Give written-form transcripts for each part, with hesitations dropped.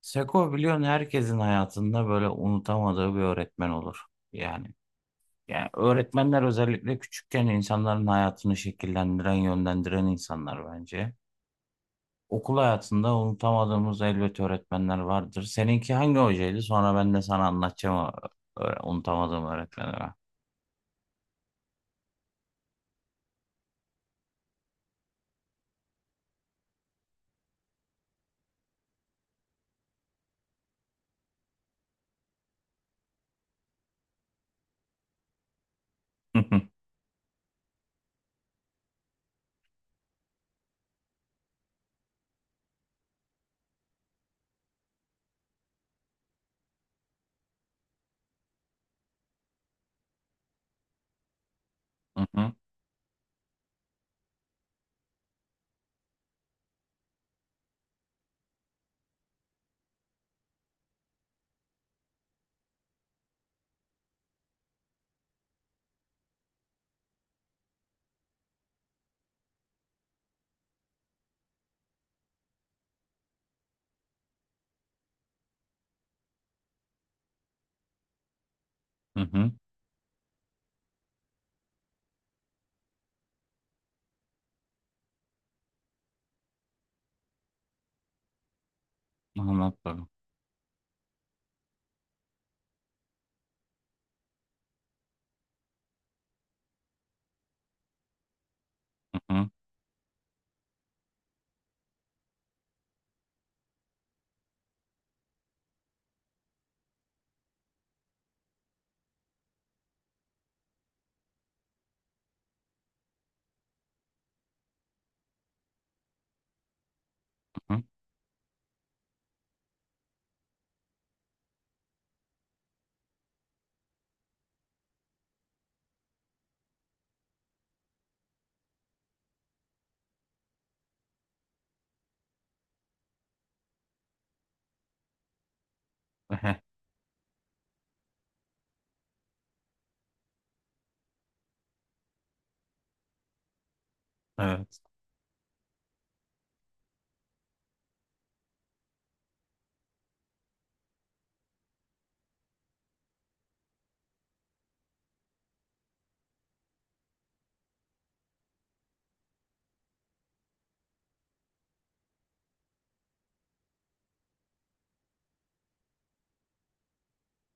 Seko biliyorsun herkesin hayatında böyle unutamadığı bir öğretmen olur. Yani, yani öğretmenler özellikle küçükken insanların hayatını şekillendiren, yönlendiren insanlar bence. Okul hayatında unutamadığımız elbet öğretmenler vardır. Seninki hangi hocaydı? Sonra ben de sana anlatacağım o unutamadığım öğretmenleri. Hı hı, hı hı, hı hı. Anlat bakalım. Hı hı, hı hı. Evet.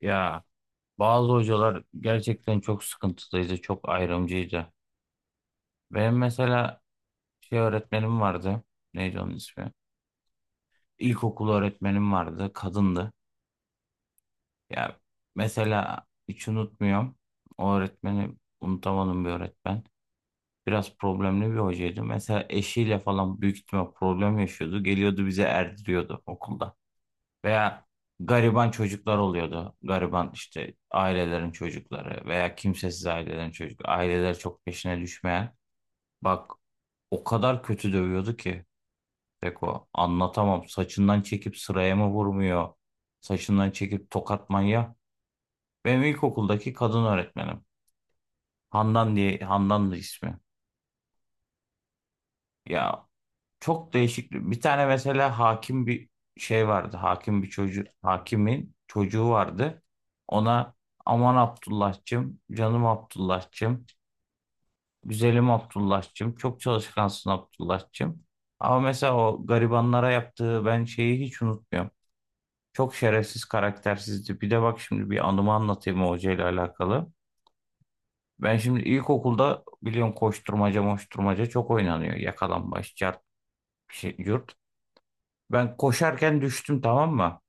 Ya, bazı hocalar gerçekten çok sıkıntılıydı, çok ayrımcıydı. Benim mesela şey öğretmenim vardı. Neydi onun ismi? İlkokul öğretmenim vardı. Kadındı. Ya, mesela hiç unutmuyorum. O öğretmeni unutamadığım bir öğretmen. Biraz problemli bir hocaydı. Mesela eşiyle falan büyük ihtimal problem yaşıyordu. Geliyordu bize erdiriyordu okulda. Veya gariban çocuklar oluyordu. Gariban işte ailelerin çocukları veya kimsesiz ailelerin çocukları. Aileler çok peşine düşmeyen. Bak, o kadar kötü dövüyordu ki. Beko anlatamam. Saçından çekip sıraya mı vurmuyor? Saçından çekip tokat manyağı. Benim ilkokuldaki kadın öğretmenim. Handan diye, Handan'dı ismi. Ya, çok değişik. Bir tane mesela hakim bir şey vardı. Hakim bir çocuğu, hakimin çocuğu vardı. Ona aman Abdullah'cığım, canım Abdullah'cığım, güzelim Abdullah'cığım, çok çalışkansın Abdullah'cığım. Ama mesela o garibanlara yaptığı ben şeyi hiç unutmuyorum. Çok şerefsiz, karaktersizdi. Bir de bak şimdi bir anımı anlatayım o hocayla alakalı. Ben şimdi ilkokulda biliyorsun koşturmaca moşturmaca çok oynanıyor. Yakalambaç, çarp, şey, yurt. Ben koşarken düştüm, tamam mı?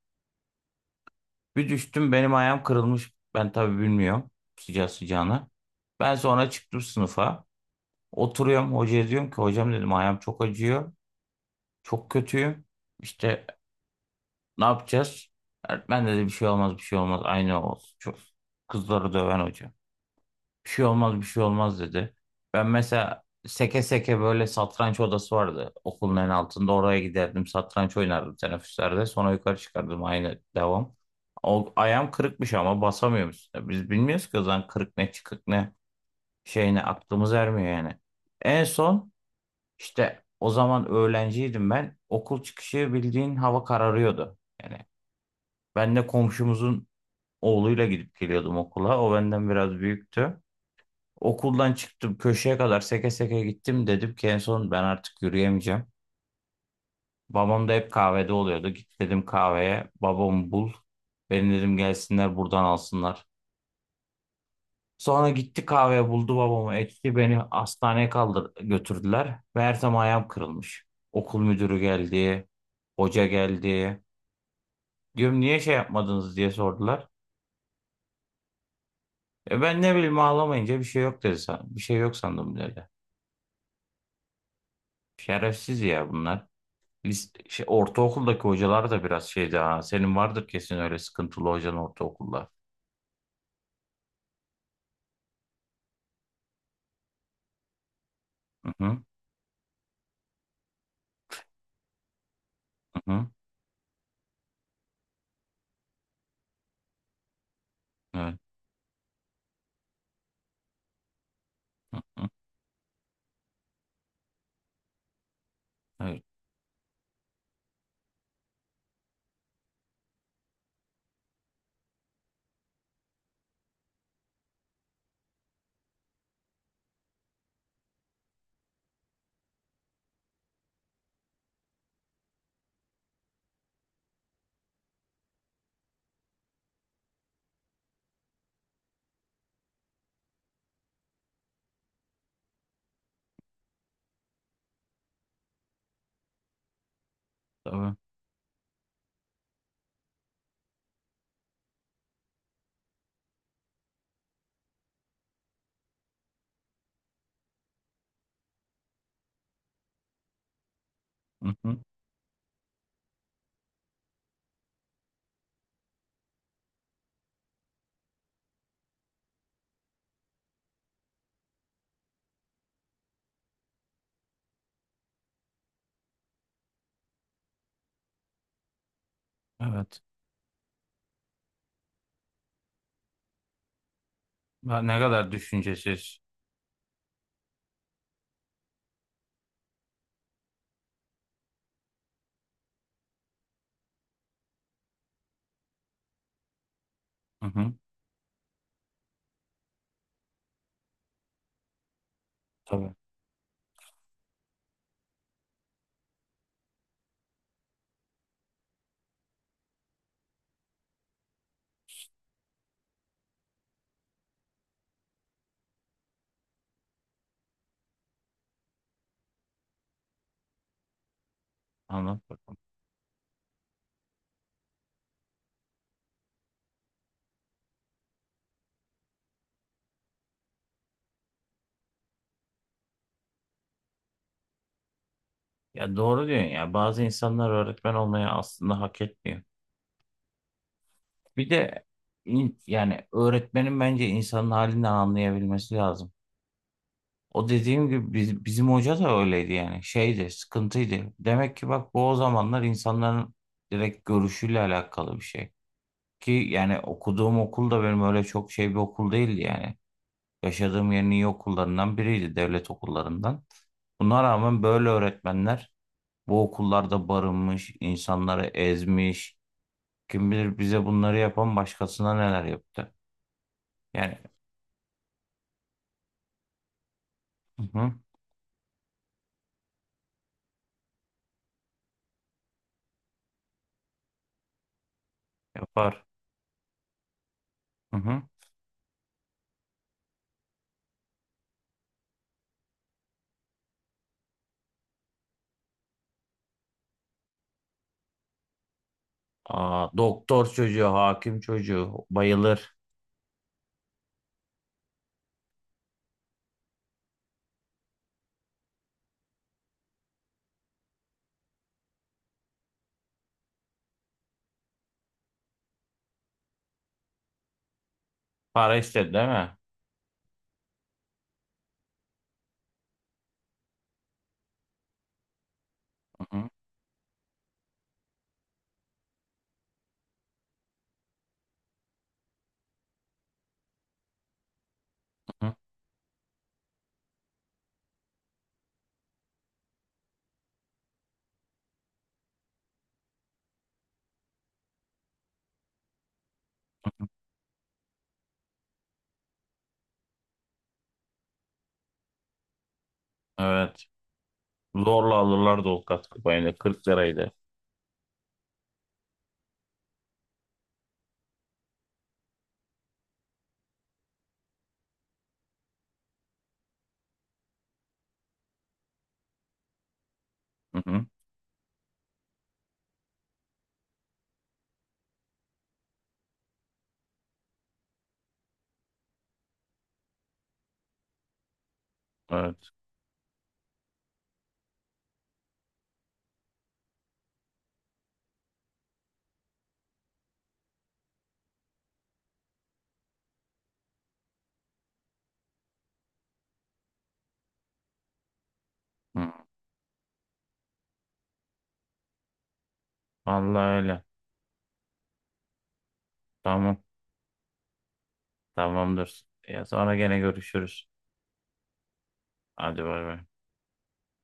Bir düştüm, benim ayağım kırılmış. Ben tabii bilmiyorum sıcağı sıcağına. Ben sonra çıktım sınıfa. Oturuyorum, hocaya diyorum ki hocam dedim, ayağım çok acıyor. Çok kötüyüm. İşte ne yapacağız? Öğretmen dedi bir şey olmaz, bir şey olmaz. Aynı olsun. Çok kızları döven hoca. Bir şey olmaz, bir şey olmaz dedi. Ben mesela seke seke, böyle satranç odası vardı okulun en altında. Oraya giderdim, satranç oynardım teneffüslerde. Sonra yukarı çıkardım, aynı devam. O, ayağım kırıkmış ama basamıyoruz. Biz bilmiyoruz ki o zaman kırık ne, çıkık ne, şey ne, aklımız ermiyor yani. En son işte, o zaman öğrenciydim ben. Okul çıkışı bildiğin hava kararıyordu. Yani ben de komşumuzun oğluyla gidip geliyordum okula. O benden biraz büyüktü. Okuldan çıktım, köşeye kadar seke seke gittim, dedim ki en son ben artık yürüyemeyeceğim. Babam da hep kahvede oluyordu. Git dedim kahveye, babamı bul. Beni dedim gelsinler buradan alsınlar. Sonra gitti kahveye, buldu babamı, etti, beni hastaneye kaldır götürdüler. Meğersem ayağım kırılmış. Okul müdürü geldi. Hoca geldi. Diyorum niye şey yapmadınız diye sordular. E ben ne bileyim, ağlamayınca bir şey yok dedi. Bir şey yok sandım dedi. Şerefsiz ya bunlar. Şey, ortaokuldaki hocalar da biraz şeydi ha. Senin vardır kesin öyle sıkıntılı hocan ortaokulda. Hı hı, hı hı, evet, hı hı, evet, tabii. Hı hı, evet. Ha, ne kadar düşüncesiz. Hı hı, tabii. Anlat bakalım. Ya doğru diyorsun ya. Bazı insanlar öğretmen olmayı aslında hak etmiyor. Bir de yani öğretmenin bence insanın halinden anlayabilmesi lazım. O dediğim gibi bizim hoca da öyleydi, yani şeydi, sıkıntıydı. Demek ki bak, bu o zamanlar insanların direkt görüşüyle alakalı bir şey. Ki yani okuduğum okul da benim öyle çok şey bir okul değildi yani. Yaşadığım yerin iyi okullarından biriydi, devlet okullarından. Buna rağmen böyle öğretmenler bu okullarda barınmış, insanları ezmiş. Kim bilir bize bunları yapan başkasına neler yaptı. Yani, hı hı, yapar. Hı hı. Aa, doktor çocuğu, hakim çocuğu bayılır. Para istedi değil mi? Hı hı, hı, hı. Evet. Zorla alırlar o katkı payını. 40 liraydı. Hı hı. Evet. Hı. Vallahi öyle. Tamam. Tamamdır. Ya sonra gene görüşürüz. Hadi bay bay.